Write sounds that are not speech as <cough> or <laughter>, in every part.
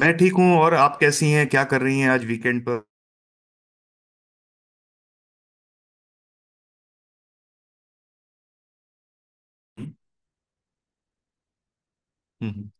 मैं ठीक हूँ। और आप कैसी हैं? क्या कर रही हैं आज वीकेंड पर? हम्म।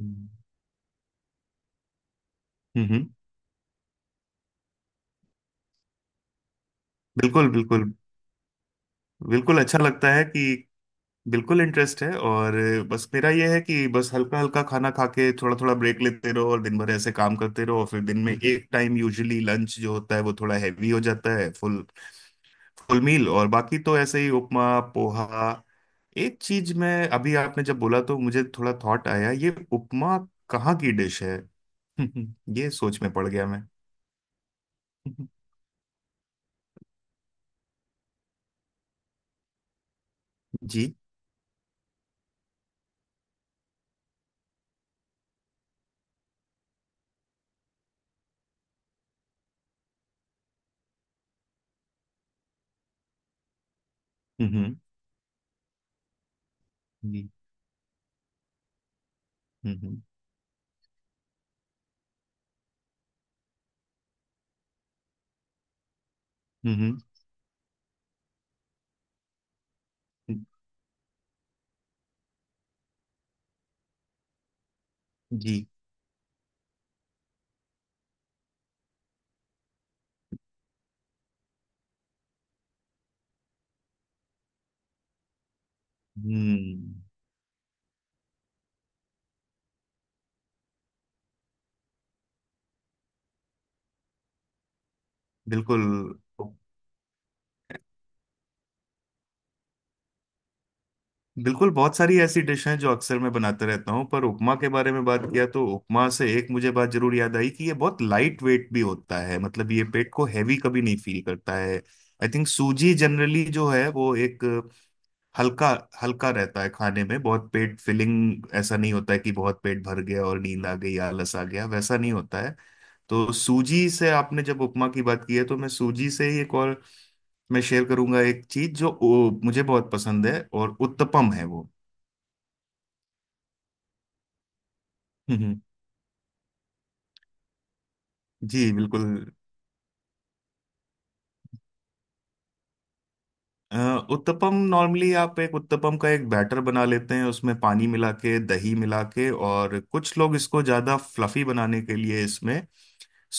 हम्म। हम्म। बिल्कुल, बिल्कुल। बिल्कुल अच्छा लगता है कि बिल्कुल इंटरेस्ट है। और बस मेरा यह है कि बस हल्का हल्का खाना खा के थोड़ा थोड़ा ब्रेक लेते रहो और दिन भर ऐसे काम करते रहो, और फिर दिन में एक टाइम यूजुअली लंच जो होता है वो थोड़ा हैवी हो जाता है, फुल फुल मील। और बाकी तो ऐसे ही उपमा, पोहा। एक चीज, मैं अभी आपने जब बोला तो मुझे थोड़ा थॉट आया, ये उपमा कहाँ की डिश है? <laughs> ये सोच में पड़ गया। हम्म। जी। हम्म। जी। हम्म। हम्म। जी। हम्म। बिल्कुल, बिल्कुल। बहुत सारी ऐसी डिश हैं जो अक्सर मैं बनाते रहता हूँ, पर उपमा के बारे में बात किया तो उपमा से एक मुझे बात जरूर याद आई कि ये बहुत लाइट वेट भी होता है। मतलब ये पेट को हैवी कभी नहीं फील करता है। आई थिंक सूजी जनरली जो है वो एक हल्का हल्का रहता है खाने में। बहुत पेट फिलिंग ऐसा नहीं होता है कि बहुत पेट भर गया और नींद आ गई, आलस आ गया, वैसा नहीं होता है। तो सूजी से आपने जब उपमा की बात की है, तो मैं सूजी से ही एक और मैं शेयर करूंगा, एक चीज जो मुझे बहुत पसंद है, और उत्तपम है वो। हम्म। जी बिल्कुल। अ, उत्तपम नॉर्मली आप एक उत्तपम का एक बैटर बना लेते हैं, उसमें पानी मिला के, दही मिला के, और कुछ लोग इसको ज्यादा फ्लफी बनाने के लिए इसमें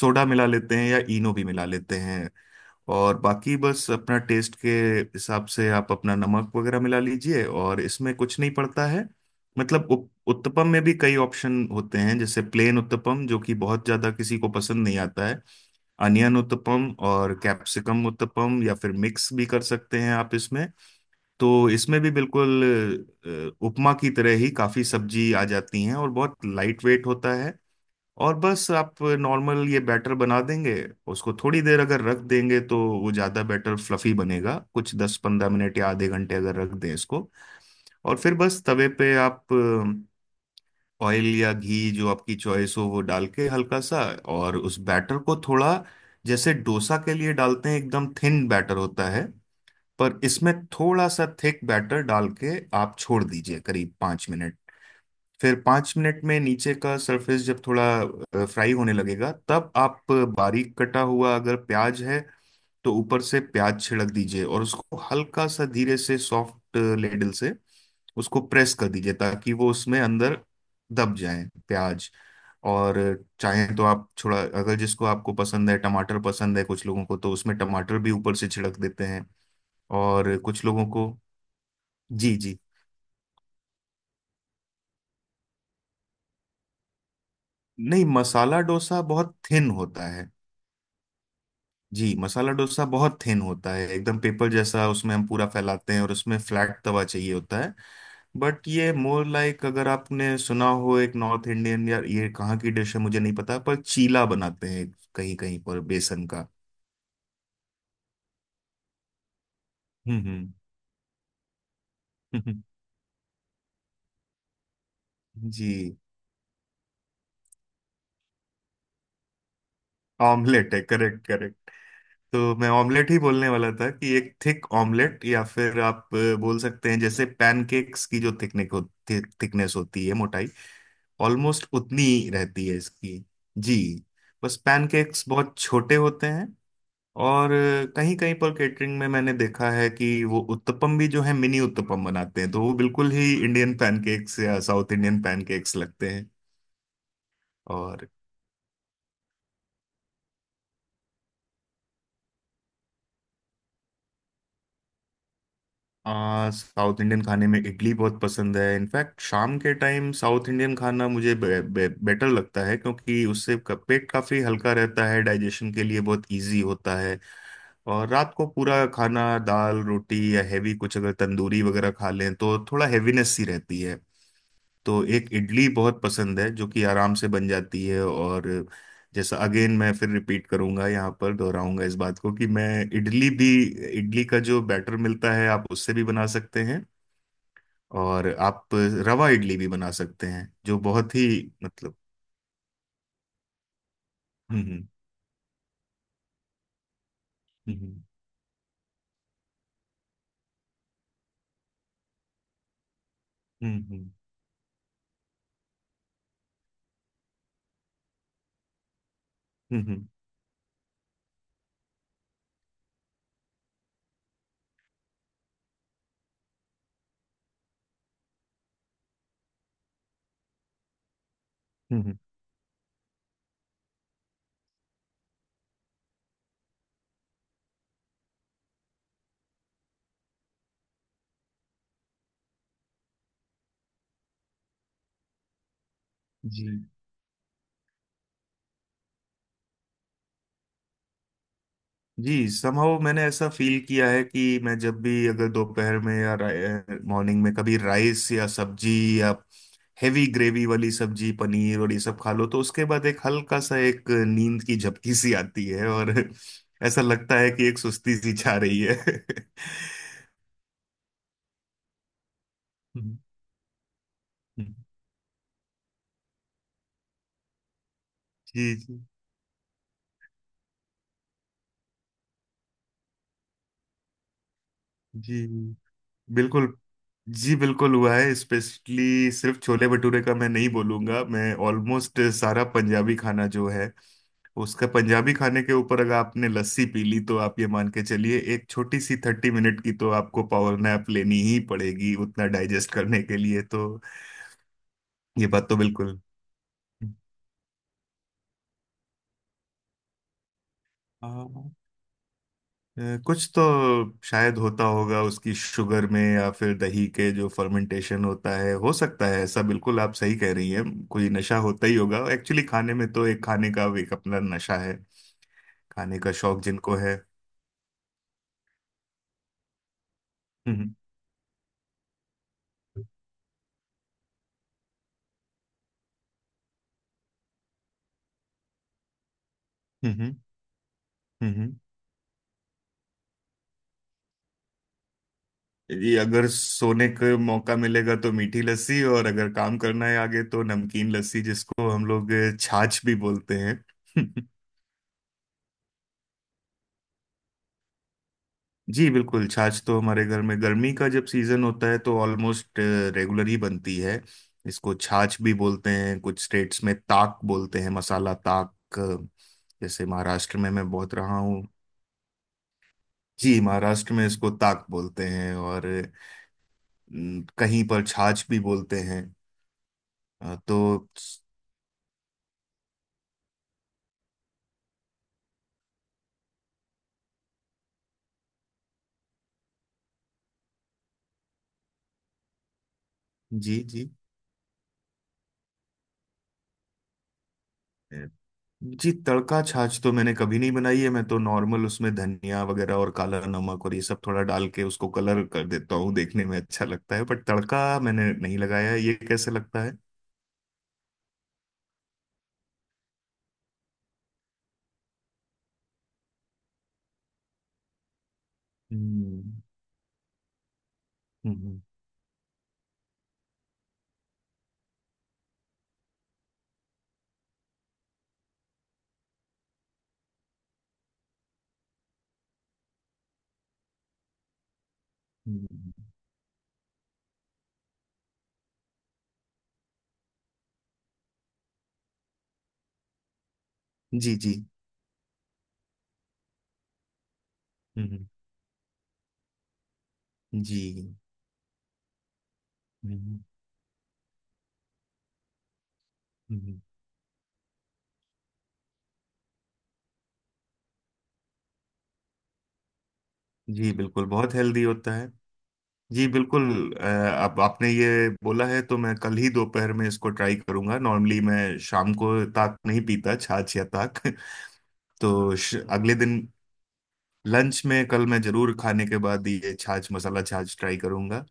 सोडा मिला लेते हैं या इनो भी मिला लेते हैं। और बाकी बस अपना टेस्ट के हिसाब से आप अपना नमक वगैरह मिला लीजिए, और इसमें कुछ नहीं पड़ता है। मतलब उत्तपम में भी कई ऑप्शन होते हैं, जैसे प्लेन उत्तपम जो कि बहुत ज्यादा किसी को पसंद नहीं आता है, अनियन उत्तपम और कैप्सिकम उत्तपम, या फिर मिक्स भी कर सकते हैं आप इसमें। तो इसमें भी बिल्कुल उपमा की तरह ही काफी सब्जी आ जाती हैं और बहुत लाइट वेट होता है। और बस आप नॉर्मल ये बैटर बना देंगे, उसको थोड़ी देर अगर रख देंगे तो वो ज़्यादा बैटर फ्लफी बनेगा, कुछ 10-15 मिनट या आधे घंटे अगर रख दें इसको। और फिर बस तवे पे आप ऑयल या घी जो आपकी चॉइस हो वो डाल के हल्का सा, और उस बैटर को थोड़ा, जैसे डोसा के लिए डालते हैं एकदम थिन बैटर होता है, पर इसमें थोड़ा सा थिक बैटर डाल के आप छोड़ दीजिए करीब 5 मिनट। फिर 5 मिनट में नीचे का सरफेस जब थोड़ा फ्राई होने लगेगा, तब आप बारीक कटा हुआ अगर प्याज है तो ऊपर से प्याज छिड़क दीजिए, और उसको हल्का सा धीरे से सॉफ्ट लेडल से उसको प्रेस कर दीजिए ताकि वो उसमें अंदर दब जाए, प्याज। और चाहे तो आप थोड़ा, अगर जिसको आपको पसंद है, टमाटर पसंद है कुछ लोगों को, तो उसमें टमाटर भी ऊपर से छिड़क देते हैं। और कुछ लोगों को। जी, जी। नहीं, मसाला डोसा बहुत थिन होता है। जी, मसाला डोसा बहुत थिन होता है, एकदम पेपर जैसा। उसमें हम पूरा फैलाते हैं और उसमें फ्लैट तवा चाहिए होता है। बट ये मोर लाइक, अगर आपने सुना हो, एक नॉर्थ इंडियन, या ये कहाँ की डिश है मुझे नहीं पता, पर चीला बनाते हैं कहीं कहीं पर, बेसन का। हम्म। हम्म। <laughs> जी। ऑमलेट है, करेक्ट, करेक्ट। तो मैं ऑमलेट ही बोलने वाला था कि एक थिक ऑमलेट, या फिर आप बोल सकते हैं जैसे पैनकेक्स की जो थिकनेस हो, थिकनेस होती है, मोटाई ऑलमोस्ट उतनी ही रहती है इसकी। जी। बस पैनकेक्स बहुत छोटे होते हैं। और कहीं कहीं पर केटरिंग में मैंने देखा है कि वो उत्तपम भी जो है मिनी उत्तपम बनाते हैं, तो वो बिल्कुल ही इंडियन पैनकेक्स या साउथ इंडियन पैनकेक्स लगते हैं। और साउथ इंडियन खाने में इडली बहुत पसंद है। इनफैक्ट शाम के टाइम साउथ इंडियन खाना मुझे बे, बे, बेटर लगता है, क्योंकि उससे पेट काफी हल्का रहता है, डाइजेशन के लिए बहुत इजी होता है। और रात को पूरा खाना दाल रोटी या हैवी कुछ अगर तंदूरी वगैरह खा लें तो थोड़ा हैवीनेस सी रहती है। तो एक इडली बहुत पसंद है जो कि आराम से बन जाती है। और जैसा, अगेन मैं फिर रिपीट करूंगा, यहाँ पर दोहराऊंगा इस बात को कि मैं इडली भी, इडली का जो बैटर मिलता है आप उससे भी बना सकते हैं, और आप रवा इडली भी बना सकते हैं जो बहुत ही, मतलब। हम्म। हम्म। हम्म। हम्म। हम्म। हम्म। हम्म। हम्म। हम्म। जी, जी। समहाउ मैंने ऐसा फील किया है कि मैं जब भी अगर दोपहर में या मॉर्निंग में कभी राइस या सब्जी, या हेवी ग्रेवी वाली सब्जी पनीर और ये सब खा लो, तो उसके बाद एक हल्का सा एक नींद की झपकी सी आती है, और <laughs> ऐसा लगता है कि एक सुस्ती सी छा रही है। <laughs> हम्म। हम्म। जी। जी। जी बिल्कुल। जी बिल्कुल, हुआ है। स्पेशली सिर्फ छोले भटूरे का मैं नहीं बोलूंगा, मैं ऑलमोस्ट सारा पंजाबी खाना जो है उसका, पंजाबी खाने के ऊपर अगर आपने लस्सी पी ली तो आप ये मान के चलिए एक छोटी सी 30 मिनट की तो आपको पावर नैप लेनी ही पड़ेगी उतना डाइजेस्ट करने के लिए, तो ये बात तो बिल्कुल। हाँ। कुछ तो शायद होता होगा उसकी शुगर में या फिर दही के जो फर्मेंटेशन होता है, हो सकता है ऐसा। बिल्कुल आप सही कह रही हैं, कोई नशा होता ही होगा एक्चुअली खाने में। तो एक खाने का एक अपना नशा है, खाने का शौक जिनको है। हम्म। हम्म। हम्म। हम्म। हम्म। ये अगर सोने का मौका मिलेगा तो मीठी लस्सी, और अगर काम करना है आगे तो नमकीन लस्सी, जिसको हम लोग छाछ भी बोलते हैं। <laughs> जी बिल्कुल। छाछ तो हमारे घर में गर्मी का जब सीजन होता है तो ऑलमोस्ट रेगुलर ही बनती है। इसको छाछ भी बोलते हैं, कुछ स्टेट्स में ताक बोलते हैं, मसाला ताक। जैसे महाराष्ट्र में मैं बहुत रहा हूँ। जी महाराष्ट्र में इसको ताक बोलते हैं। और न, कहीं पर छाछ भी बोलते हैं। तो। जी। जी। जी तड़का छाछ तो मैंने कभी नहीं बनाई है, मैं तो नॉर्मल उसमें धनिया वगैरह और काला नमक और ये सब थोड़ा डाल के उसको कलर कर देता हूँ, देखने में अच्छा लगता है, बट तड़का मैंने नहीं लगाया है। ये कैसे लगता है? हम्म। हम्म। हम्म। जी। जी। हम्म। जी। हम्म। हम्म। जी बिल्कुल, बहुत हेल्दी होता है। जी बिल्कुल। आप आपने ये बोला है तो मैं कल ही दोपहर में इसको ट्राई करूंगा। नॉर्मली मैं शाम को ताक नहीं पीता, छाछ या ताक। <laughs> तो अगले दिन लंच में कल मैं जरूर खाने के बाद ये छाछ, मसाला छाछ ट्राई करूंगा।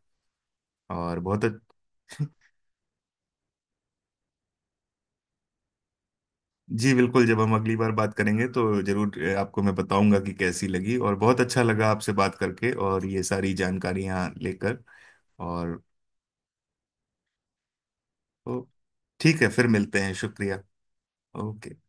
और बहुत अच्छ- <laughs> जी बिल्कुल, जब हम अगली बार बात करेंगे तो जरूर आपको मैं बताऊंगा कि कैसी लगी। और बहुत अच्छा लगा आपसे बात करके, और ये सारी जानकारियां लेकर, और ओ, ठीक है फिर मिलते हैं, शुक्रिया। ओके।